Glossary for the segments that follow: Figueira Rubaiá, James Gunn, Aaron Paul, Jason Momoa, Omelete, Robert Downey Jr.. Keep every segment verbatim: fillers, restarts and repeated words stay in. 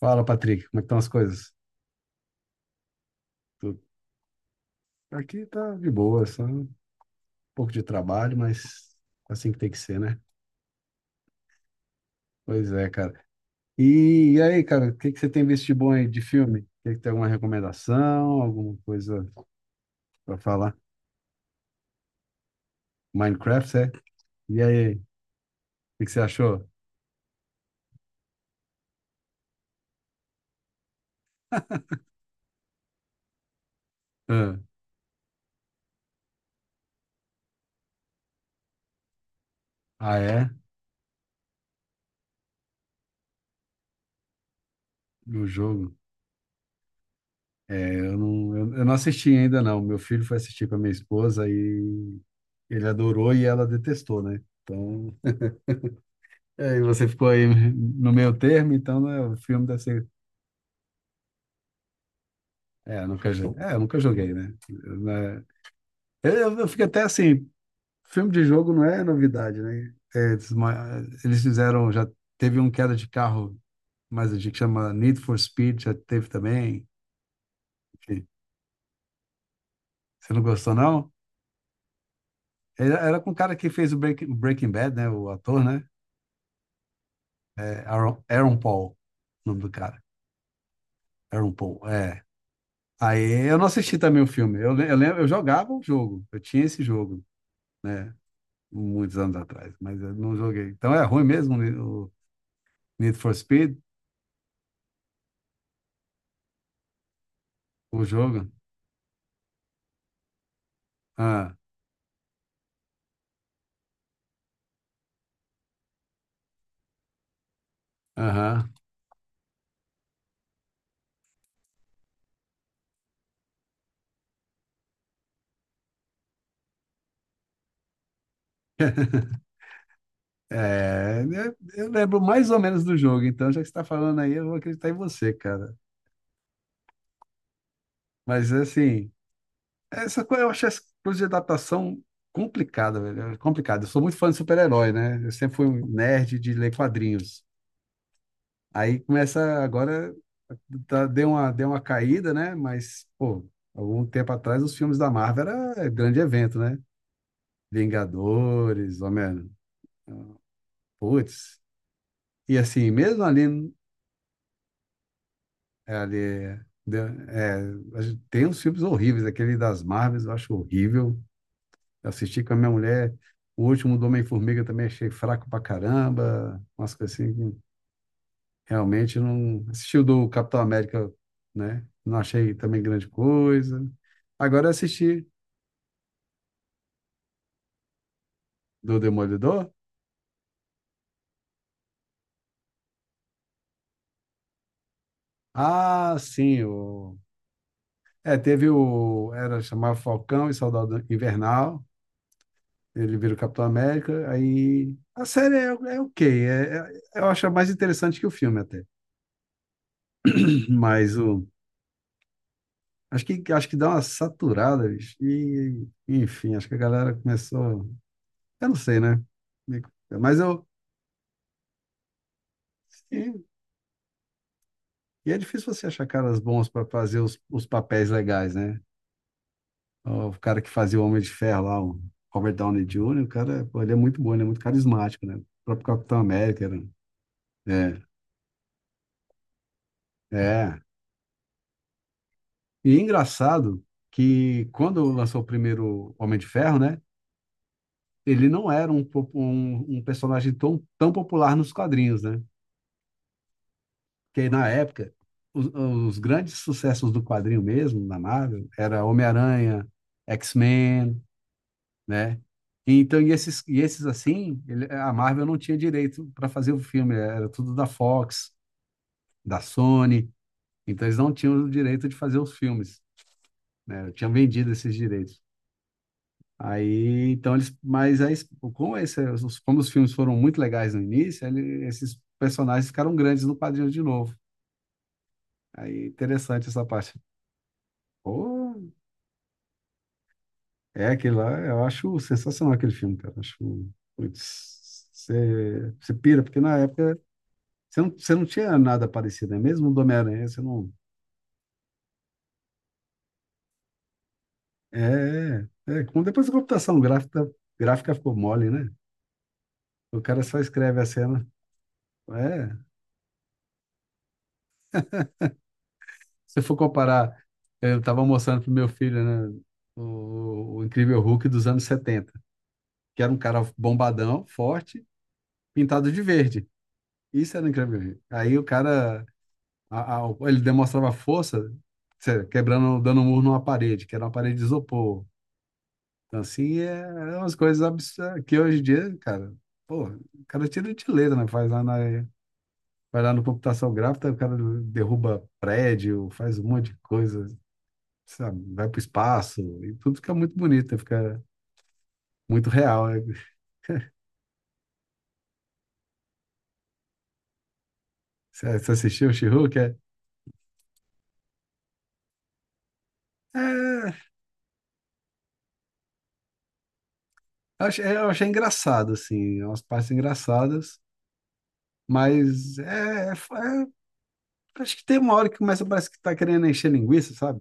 Fala, Patrick, como é que estão as coisas? Tudo. Aqui tá de boa, só um pouco de trabalho, mas assim que tem que ser, né? Pois é, cara. E, e aí, cara, o que que você tem visto de bom aí de filme? Tem que ter alguma recomendação, alguma coisa pra falar? Minecraft, é? E aí, o que que você achou? Ah, ah, é? Do jogo? É, eu não, eu, eu não assisti ainda, não. Meu filho foi assistir com a minha esposa e ele adorou e ela detestou, né? Então, é, e você ficou aí no meio termo, então né, o filme deve ser. É, eu nunca joguei. É, eu nunca joguei, né? Eu, né? eu, eu- eu fico até assim, filme de jogo não é novidade, né? É, Eles, ma- eles fizeram, já teve um queda de carro, mas a gente chama Need for Speed, já teve também. Que- Você não gostou, não? Era, era com o cara que fez o Breaking, Breaking Bad, né? O ator, né? É Aaron, Aaron Paul, o nome do cara. Aaron Paul, é. Aí eu não assisti também o filme. Eu, le- eu lembro, eu jogava o jogo, eu tinha esse jogo. Né? Muitos anos atrás, mas eu não joguei. Então é ruim mesmo o Need for Speed, o jogo? Ah, aham. É, né, eu lembro mais ou menos do jogo, então já que você está falando aí, eu vou acreditar em você, cara. Mas assim, essa coisa, eu acho essa coisa de adaptação complicada, velho. É complicado. Eu sou muito fã de super-herói, né? Eu sempre fui um nerd de ler quadrinhos. Aí começa agora, tá, deu uma, deu uma caída, né? Mas, pô, algum tempo atrás os filmes da Marvel era é, grande evento, né? Vingadores, Homem-Aranha, putz. E assim, mesmo ali, é, ali deu- é, a gente tem uns filmes horríveis, aquele das Marvels eu acho horrível. Eu assisti com a minha mulher, o último do Homem-Formiga também achei fraco pra caramba, umas coisas assim. Realmente não assisti o do Capitão América, né? Não achei também grande coisa. Agora eu assisti do Demolidor. Ah, sim. o É, teve o era chamado Falcão e Soldado Invernal. Ele vira o Capitão América, aí a série é, é, ok, é, é- eu acho mais interessante que o filme até. Mas o acho que acho que dá uma saturada, bicho. E enfim, acho que a galera começou, eu não sei, né? Mas eu E é difícil você achar caras bons para fazer os, os papéis legais, né? Ó, o cara que fazia o Homem de Ferro lá, o Robert Downey júnior, o cara, pô, ele é muito bom, ele é muito carismático, né? O próprio Capitão América, né? É, é. E é engraçado que quando lançou o primeiro Homem de Ferro, né? Ele não era um, po- um, um personagem tão, tão popular nos quadrinhos, né? Porque na época, os, os grandes sucessos do quadrinho mesmo, da Marvel, era Homem-Aranha, X-Men, né? Então, e esses, e esses assim, ele- a Marvel não tinha direito para fazer o filme, era tudo da Fox, da Sony, então eles não tinham o direito de fazer os filmes, né? Tinham vendido esses direitos. Aí, então eles, mas aí, como, esse, os- como os filmes foram muito legais no início, ele- esses personagens ficaram grandes no quadrinho de novo. Aí, interessante essa parte. Pô, é aquele lá, eu acho sensacional aquele filme, cara. Acho, putz, você você pira, porque na época Você não, você não tinha nada parecido, né? Mesmo do Homem-Aranha, você não. É, é. Como depois a computação gráfica, gráfica ficou mole, né? O cara só escreve a cena. É. Se for comparar, eu estava mostrando pro meu filho, né? O, o Incrível Hulk dos anos setenta, que era um cara bombadão, forte, pintado de verde. Isso era o Incrível Hulk. Aí o cara, a- a- ele demonstrava força, cê- quebrando, dando um murro numa parede, que era uma parede de isopor. Então, assim, é, é umas coisas absurdas que hoje em dia, cara, pô, o cara tira de letra, né? Faz lá na, vai lá no computação gráfica, o cara derruba prédio, faz um monte de coisa, sabe? Vai pro espaço, e tudo fica muito bonito, fica muito real, né? Você, você assistiu o She-Hulk? É, é, eu achei, eu achei engraçado, assim, umas partes engraçadas, mas é, é- é- acho que tem uma hora que começa, parece que tá querendo encher linguiça, sabe?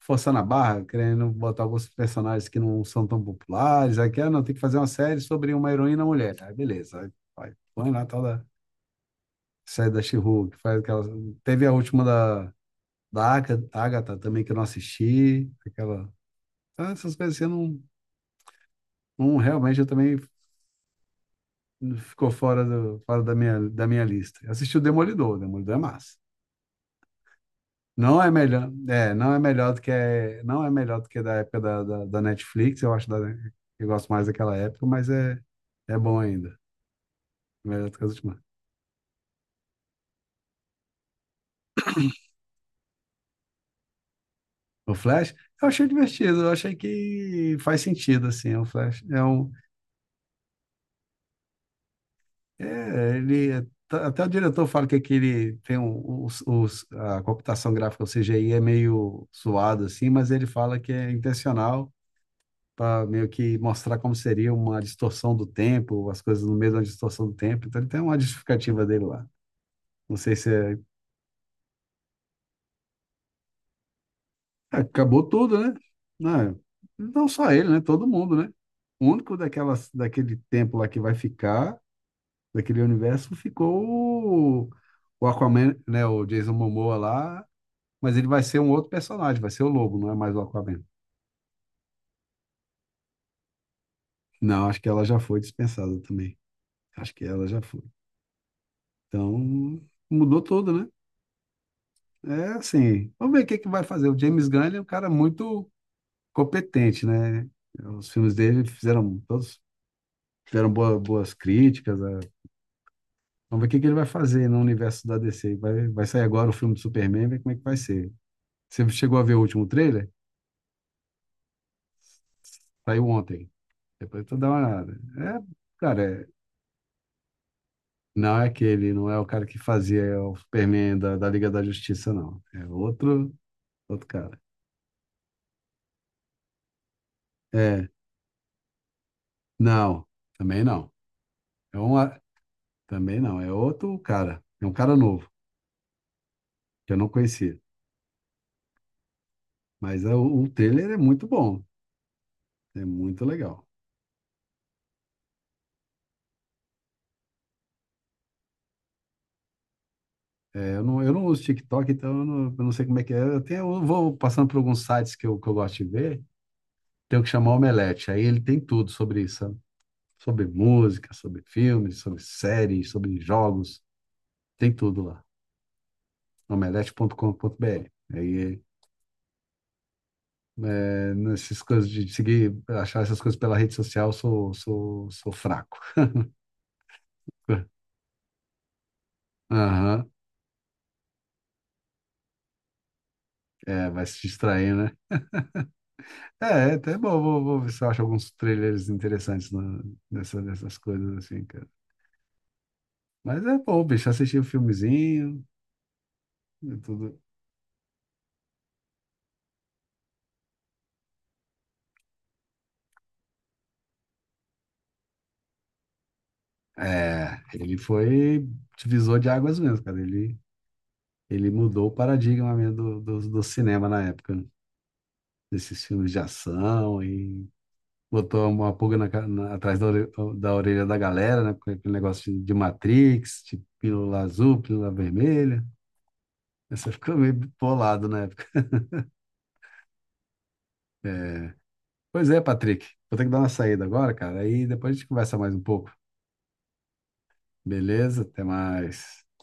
Forçando a barra, querendo botar alguns personagens que não são tão populares. Aqui, ah, não, tem que fazer uma série sobre uma heroína mulher. Aí, beleza. Aí, vai, põe lá a tal da série da She-Hulk. Faz aquela... Teve a última da, da Aga- Agatha também, que eu não assisti. Aquela... Ah, essas coisas assim, eu não, não realmente eu também ficou fora, do, fora da minha, da minha lista. Eu assisti o Demolidor, o Demolidor é massa. Não é melhor, é, não é melhor do que é, não é melhor do que da época da, da, da Netflix, eu acho da, eu gosto mais daquela época, mas é, é bom ainda, melhor do que as últimas. O Flash, eu achei divertido, eu achei que faz sentido, assim, o Flash é um, é, ele, é- tá- até o diretor fala que aquele, tem um, os, os- a computação gráfica, o C G I é meio suado, assim, mas ele fala que é intencional, para meio que mostrar como seria uma distorção do tempo, as coisas no meio da distorção do tempo. Então ele tem uma justificativa dele lá. Não sei se é. É, acabou tudo, né? Não, é- não só ele, né? Todo mundo, né? O único daquelas, daquele tempo lá que vai ficar, daquele universo, ficou o, o Aquaman, né? O Jason Momoa lá, mas ele vai ser um outro personagem, vai ser o Lobo, não é mais o Aquaman. Não, acho que ela já foi dispensada também. Acho que ela já foi. Então, mudou tudo, né? É assim, vamos ver o que que vai fazer. O James Gunn, ele é um cara muito competente, né? Os filmes dele fizeram, todos fizeram boa- boas críticas. Né? Vamos ver o que que ele vai fazer no universo da D C. Vai, vai sair agora o filme do Superman, ver como é que vai ser. Você chegou a ver o último trailer? Saiu ontem. Depois tu dá uma olhada. É, cara, é- não é aquele, não é o cara que fazia o Superman da, da, Liga da Justiça, não. É outro, outro cara. É, não, também não. É um, Também não, é outro cara. É um cara novo, que eu não conhecia. Mas é, o, o trailer é muito bom, é muito legal. É, eu não, eu não, uso TikTok, então eu não, eu não sei como é que é. Eu, tenho, eu vou passando por alguns sites que eu, que eu gosto de ver, tenho que chamar o Omelete. Aí ele tem tudo sobre isso, sabe? Sobre música, sobre filmes, sobre séries, sobre jogos, tem tudo lá. omelete ponto com ponto b r. Aí, é, nessas coisas de seguir, achar essas coisas pela rede social, eu sou, sou, sou fraco. Aham. É, vai se distrair, né? É, é até bom, vou, vou ver se eu acho alguns trailers interessantes na- nessa, nessas coisas assim, cara. Mas é bom, bicho, assistir o filmezinho e tudo. É, ele foi divisor de águas mesmo, cara. Ele, ele mudou o paradigma mesmo do, do, do cinema na época, né? Desses filmes de ação e botou uma pulga na ca- na- atrás da, ore- da orelha da galera, né? Com aquele negócio de, de Matrix, de pílula azul, pílula vermelha. Essa ficou meio bolado na época. É. Pois é, Patrick. Vou ter que dar uma saída agora, cara. Aí depois a gente conversa mais um pouco. Beleza? Até mais.